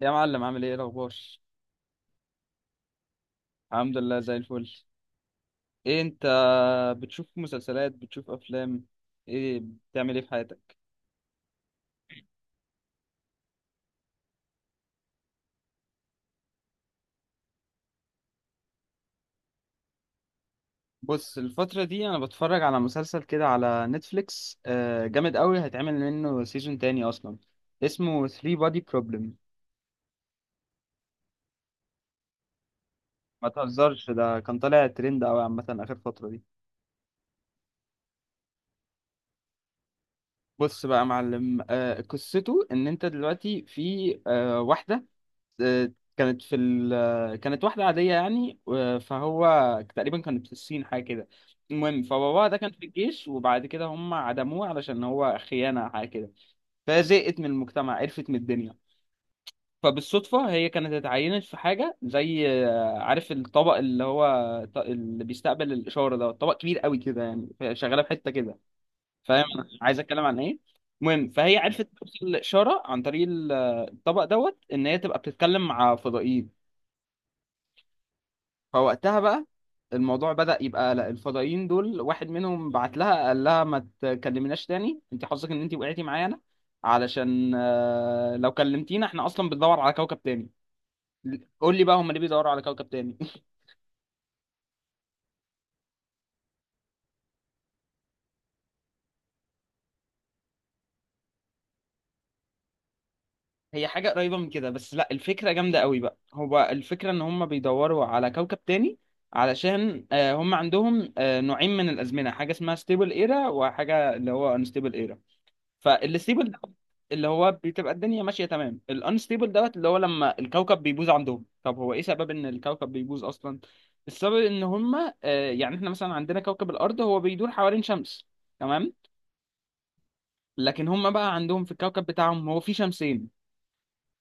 يا معلم، عامل ايه الاخبار؟ الحمد لله، زي الفل. ايه انت؟ بتشوف مسلسلات، بتشوف افلام، ايه بتعمل ايه في حياتك؟ بص، الفترة دي انا بتفرج على مسلسل كده على نتفليكس، جامد قوي هيتعمل منه سيزون تاني اصلا. اسمه 3 بادي بروبلم. ما تهزرش، ده كان طالع ترند قوي عامة اخر فترة دي. بص بقى يا معلم، قصته ان انت دلوقتي في واحدة. آه، كانت واحدة عادية يعني فهو تقريبا كانت في الصين حاجة كده. المهم فباباها ده كان في الجيش، وبعد كده هم عدموه علشان هو خيانة حاجة كده. فهي زهقت من المجتمع، عرفت من الدنيا. فبالصدفة هي كانت اتعينت في حاجة زي، عارف الطبق اللي هو اللي بيستقبل الإشارة، ده طبق كبير قوي كده يعني، فهي شغالة في حتة كده. فاهم أنا عايز أتكلم عن إيه؟ المهم فهي عرفت توصل الإشارة عن طريق الطبق دوت إن هي تبقى بتتكلم مع فضائيين. فوقتها بقى الموضوع بدأ يبقى، لا الفضائيين دول واحد منهم بعت لها قال لها ما تكلمناش تاني، انت حظك ان انت وقعتي معانا. علشان لو كلمتينا احنا اصلا بندور على كوكب تاني. قول لي بقى، هم ليه بيدوروا على كوكب تاني؟ هي حاجة قريبة من كده، بس لا الفكرة جامدة قوي بقى، هو الفكرة ان هم بيدوروا على كوكب تاني علشان هم عندهم نوعين من الأزمنة. حاجة اسمها ستيبل ايرا، وحاجة اللي هو انستيبل ايرا. فالستيبل ده اللي هو بتبقى الدنيا ماشيه تمام، الانستيبل دوت اللي هو لما الكوكب بيبوظ عندهم. طب هو ايه سبب ان الكوكب بيبوظ اصلا؟ السبب ان هما، يعني احنا مثلا عندنا كوكب الارض، هو بيدور حوالين شمس. تمام. لكن هما بقى عندهم في الكوكب بتاعهم هو في شمسين.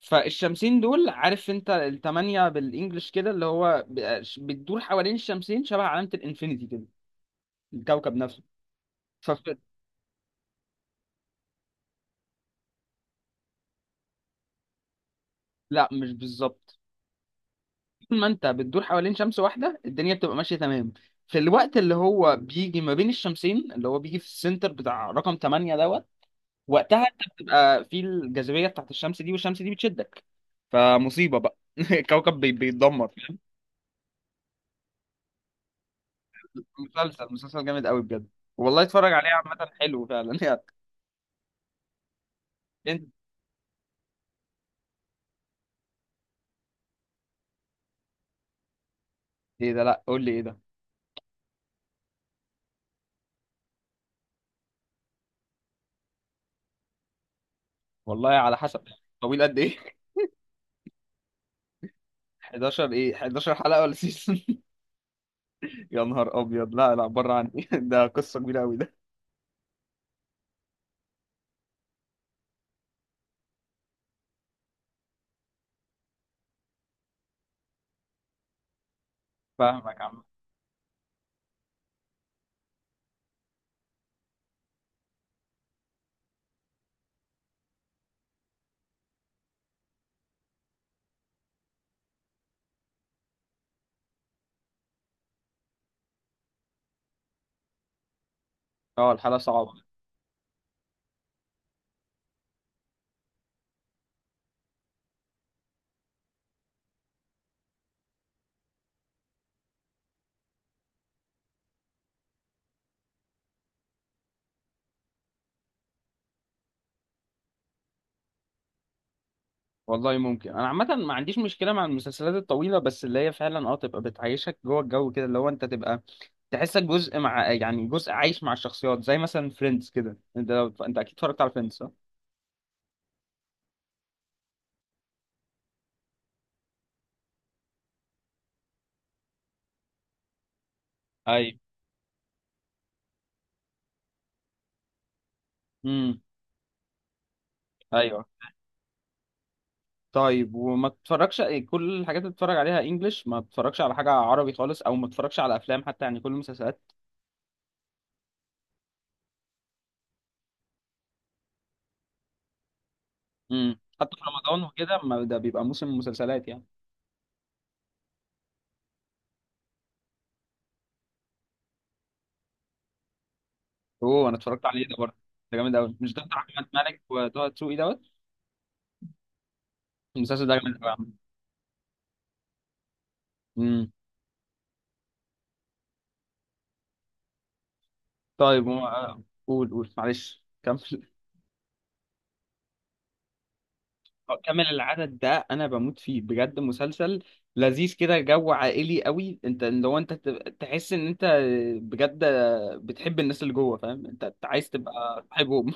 فالشمسين دول، عارف انت التمانية بالانجلش كده، اللي هو بتدور حوالين الشمسين شبه علامة الانفينيتي كده، الكوكب نفسه. فف... لا مش بالظبط. طول ما انت بتدور حوالين شمس واحده الدنيا بتبقى ماشيه تمام. في الوقت اللي هو بيجي ما بين الشمسين، اللي هو بيجي في السنتر بتاع رقم 8 دوت، وقتها انت بتبقى في الجاذبيه بتاعت الشمس دي والشمس دي بتشدك. فمصيبه بقى الكوكب بيتدمر. مسلسل مسلسل جامد قوي بجد، والله اتفرج عليه. عامه حلو فعلا يعني. انت ايه ده؟ لا قول لي ايه ده. والله على حسب. طويل قد ايه؟ 11؟ ايه، 11 حلقه ولا سيزون؟ يا نهار ابيض، لا لا، بره عني ده قصه كبيره قوي ده. فاهمك يا عم. اه، الحلقه صعبه. والله ممكن، انا عامه ما عنديش مشكله مع المسلسلات الطويله، بس اللي هي فعلا تبقى بتعيشك جوه الجو كده، اللي هو انت تبقى تحسك جزء، مع يعني جزء عايش مع الشخصيات، زي مثلا فريندز كده. انت اكيد اتفرجت على فريندز، صح؟ ايوه، امم ايوه. طيب، وما تتفرجش؟ كل الحاجات اللي بتتفرج عليها انجلش، ما تتفرجش على حاجه عربي خالص؟ او ما تتفرجش على افلام حتى؟ يعني كل المسلسلات. حتى في رمضان وكده؟ ما ده بيبقى موسم مسلسلات يعني. اوه، انا اتفرجت عليه ده برضه. ده جامد قوي، مش ده بتاع احمد مالك وطه دسوقي دوت؟ المسلسل ده جامد قوي. امم طيب، قول قول، معلش كمل. كمل العدد، ده انا بموت فيه بجد، مسلسل لذيذ كده، جو عائلي قوي. انت لو انت تحس ان انت بجد بتحب الناس اللي جوه، فاهم أنت عايز تبقى صاحبهم.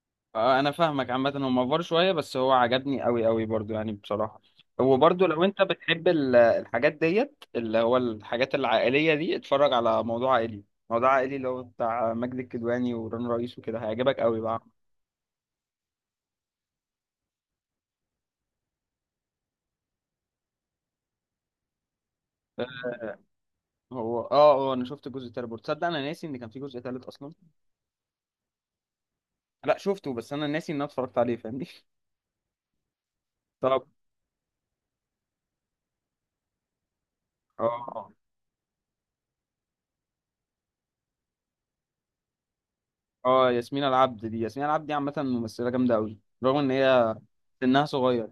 انا فاهمك. عامه هو مفر شويه، بس هو عجبني قوي قوي برضو يعني بصراحه. وبرضو لو انت بتحب الحاجات ديت، اللي هو الحاجات العائليه دي، اتفرج على موضوع عائلي. موضوع عائلي اللي هو بتاع ماجد الكدواني ورن رئيس وكده، هيعجبك قوي بقى. هو اه اه، انا شفت الجزء التالت برضه، تصدق انا ناسي ان كان في جزء تالت اصلا. لا شفته، بس انا ناسي ان انا اتفرجت عليه، فاهمني طب، اه اه، ياسمين العبد دي، ياسمين العبد دي عامه ممثله جامده قوي رغم ان هي سنها صغير.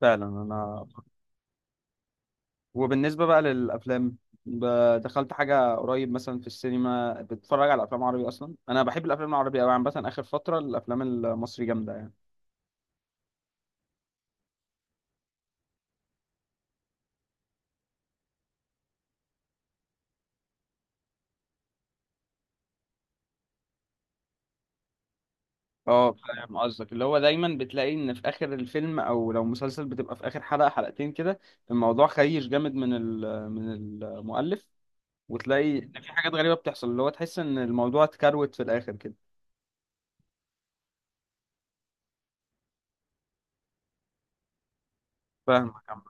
فعلا. انا وبالنسبه بقى للافلام، دخلت حاجه قريب مثلا في السينما، بتتفرج على افلام عربي اصلا؟ انا بحب الافلام العربي قوي. عامه اخر فتره الافلام المصري جامده يعني. اه، فاهم قصدك، اللي هو دايما بتلاقي ان في اخر الفيلم، او لو مسلسل بتبقى في اخر حلقة حلقتين كده، الموضوع خيش جامد من من المؤلف، وتلاقي ان في حاجات غريبة بتحصل اللي هو تحس ان الموضوع اتكروت في الاخر كده. فاهمك يا عم.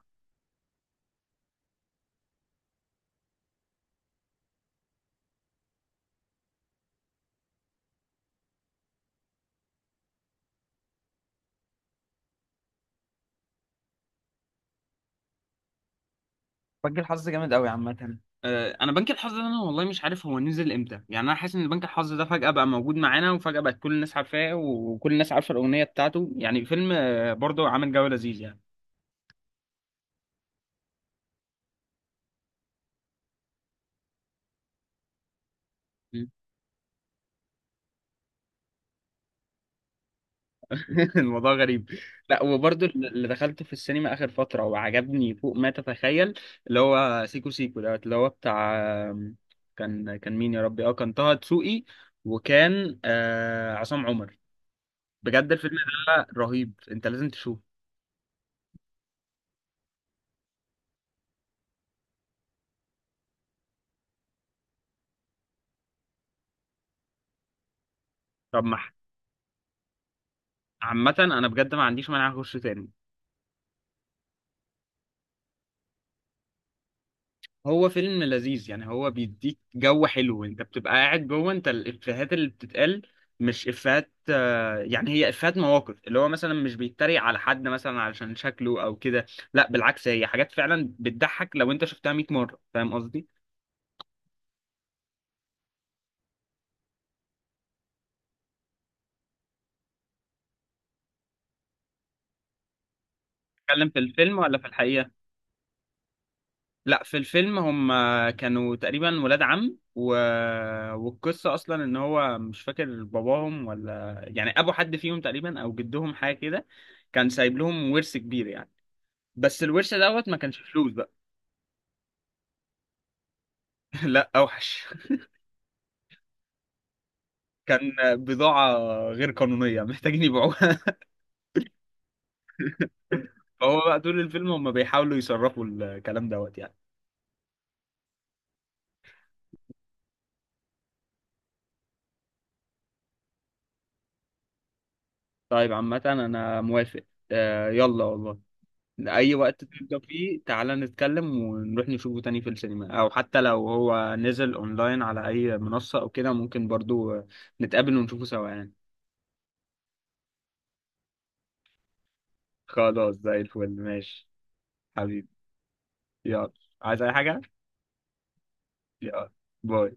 بنك الحظ جامد قوي عامة. انا بنك الحظ ده انا والله مش عارف هو نزل امتى يعني. انا حاسس ان بنك الحظ ده فجأة بقى موجود معانا، وفجأة بقت كل الناس عارفاه وكل الناس عارفة الأغنية بتاعته. يعني فيلم برضه عامل جو لذيذ يعني. الموضوع غريب. لا، وبرضه اللي دخلته في السينما اخر فتره وعجبني فوق ما تتخيل، اللي هو سيكو سيكو دوت اللي هو بتاع، كان مين يا ربي؟ اه، كان طه دسوقي، وكان عصام عمر. بجد الفيلم ده رهيب، انت لازم تشوفه. طب ما، عامه انا بجد ما عنديش مانع اخش تاني. هو فيلم لذيذ يعني، هو بيديك جو حلو، انت بتبقى قاعد جوه انت، الافيهات اللي بتتقال، مش افيهات يعني، هي افيهات مواقف، اللي هو مثلا مش بيتريق على حد مثلا علشان شكله او كده، لا بالعكس هي حاجات فعلا بتضحك لو انت شفتها 100 مرة. فاهم قصدي؟ اتكلم في الفيلم ولا في الحقيقة؟ لا في الفيلم هم كانوا تقريبا ولاد عم والقصة اصلا ان هو مش فاكر باباهم، ولا يعني ابو حد فيهم تقريبا، او جدهم حاجة كده. كان سايب لهم ورث كبير يعني، بس الورث دوت ما كانش فلوس بقى. لا اوحش. كان بضاعة غير قانونية محتاجين يبيعوها فهو بقى طول الفيلم هم بيحاولوا يصرفوا الكلام دوت يعني. طيب، عامة انا موافق. آه يلا والله. اي وقت تبدأ فيه تعالى نتكلم، ونروح نشوفه تاني في السينما، او حتى لو هو نزل اونلاين على اي منصة او كده، ممكن برضو نتقابل ونشوفه سوا يعني. خلاص زي الفل، ماشي حبيبي يلا. عايز اي حاجة؟ يلا، باي.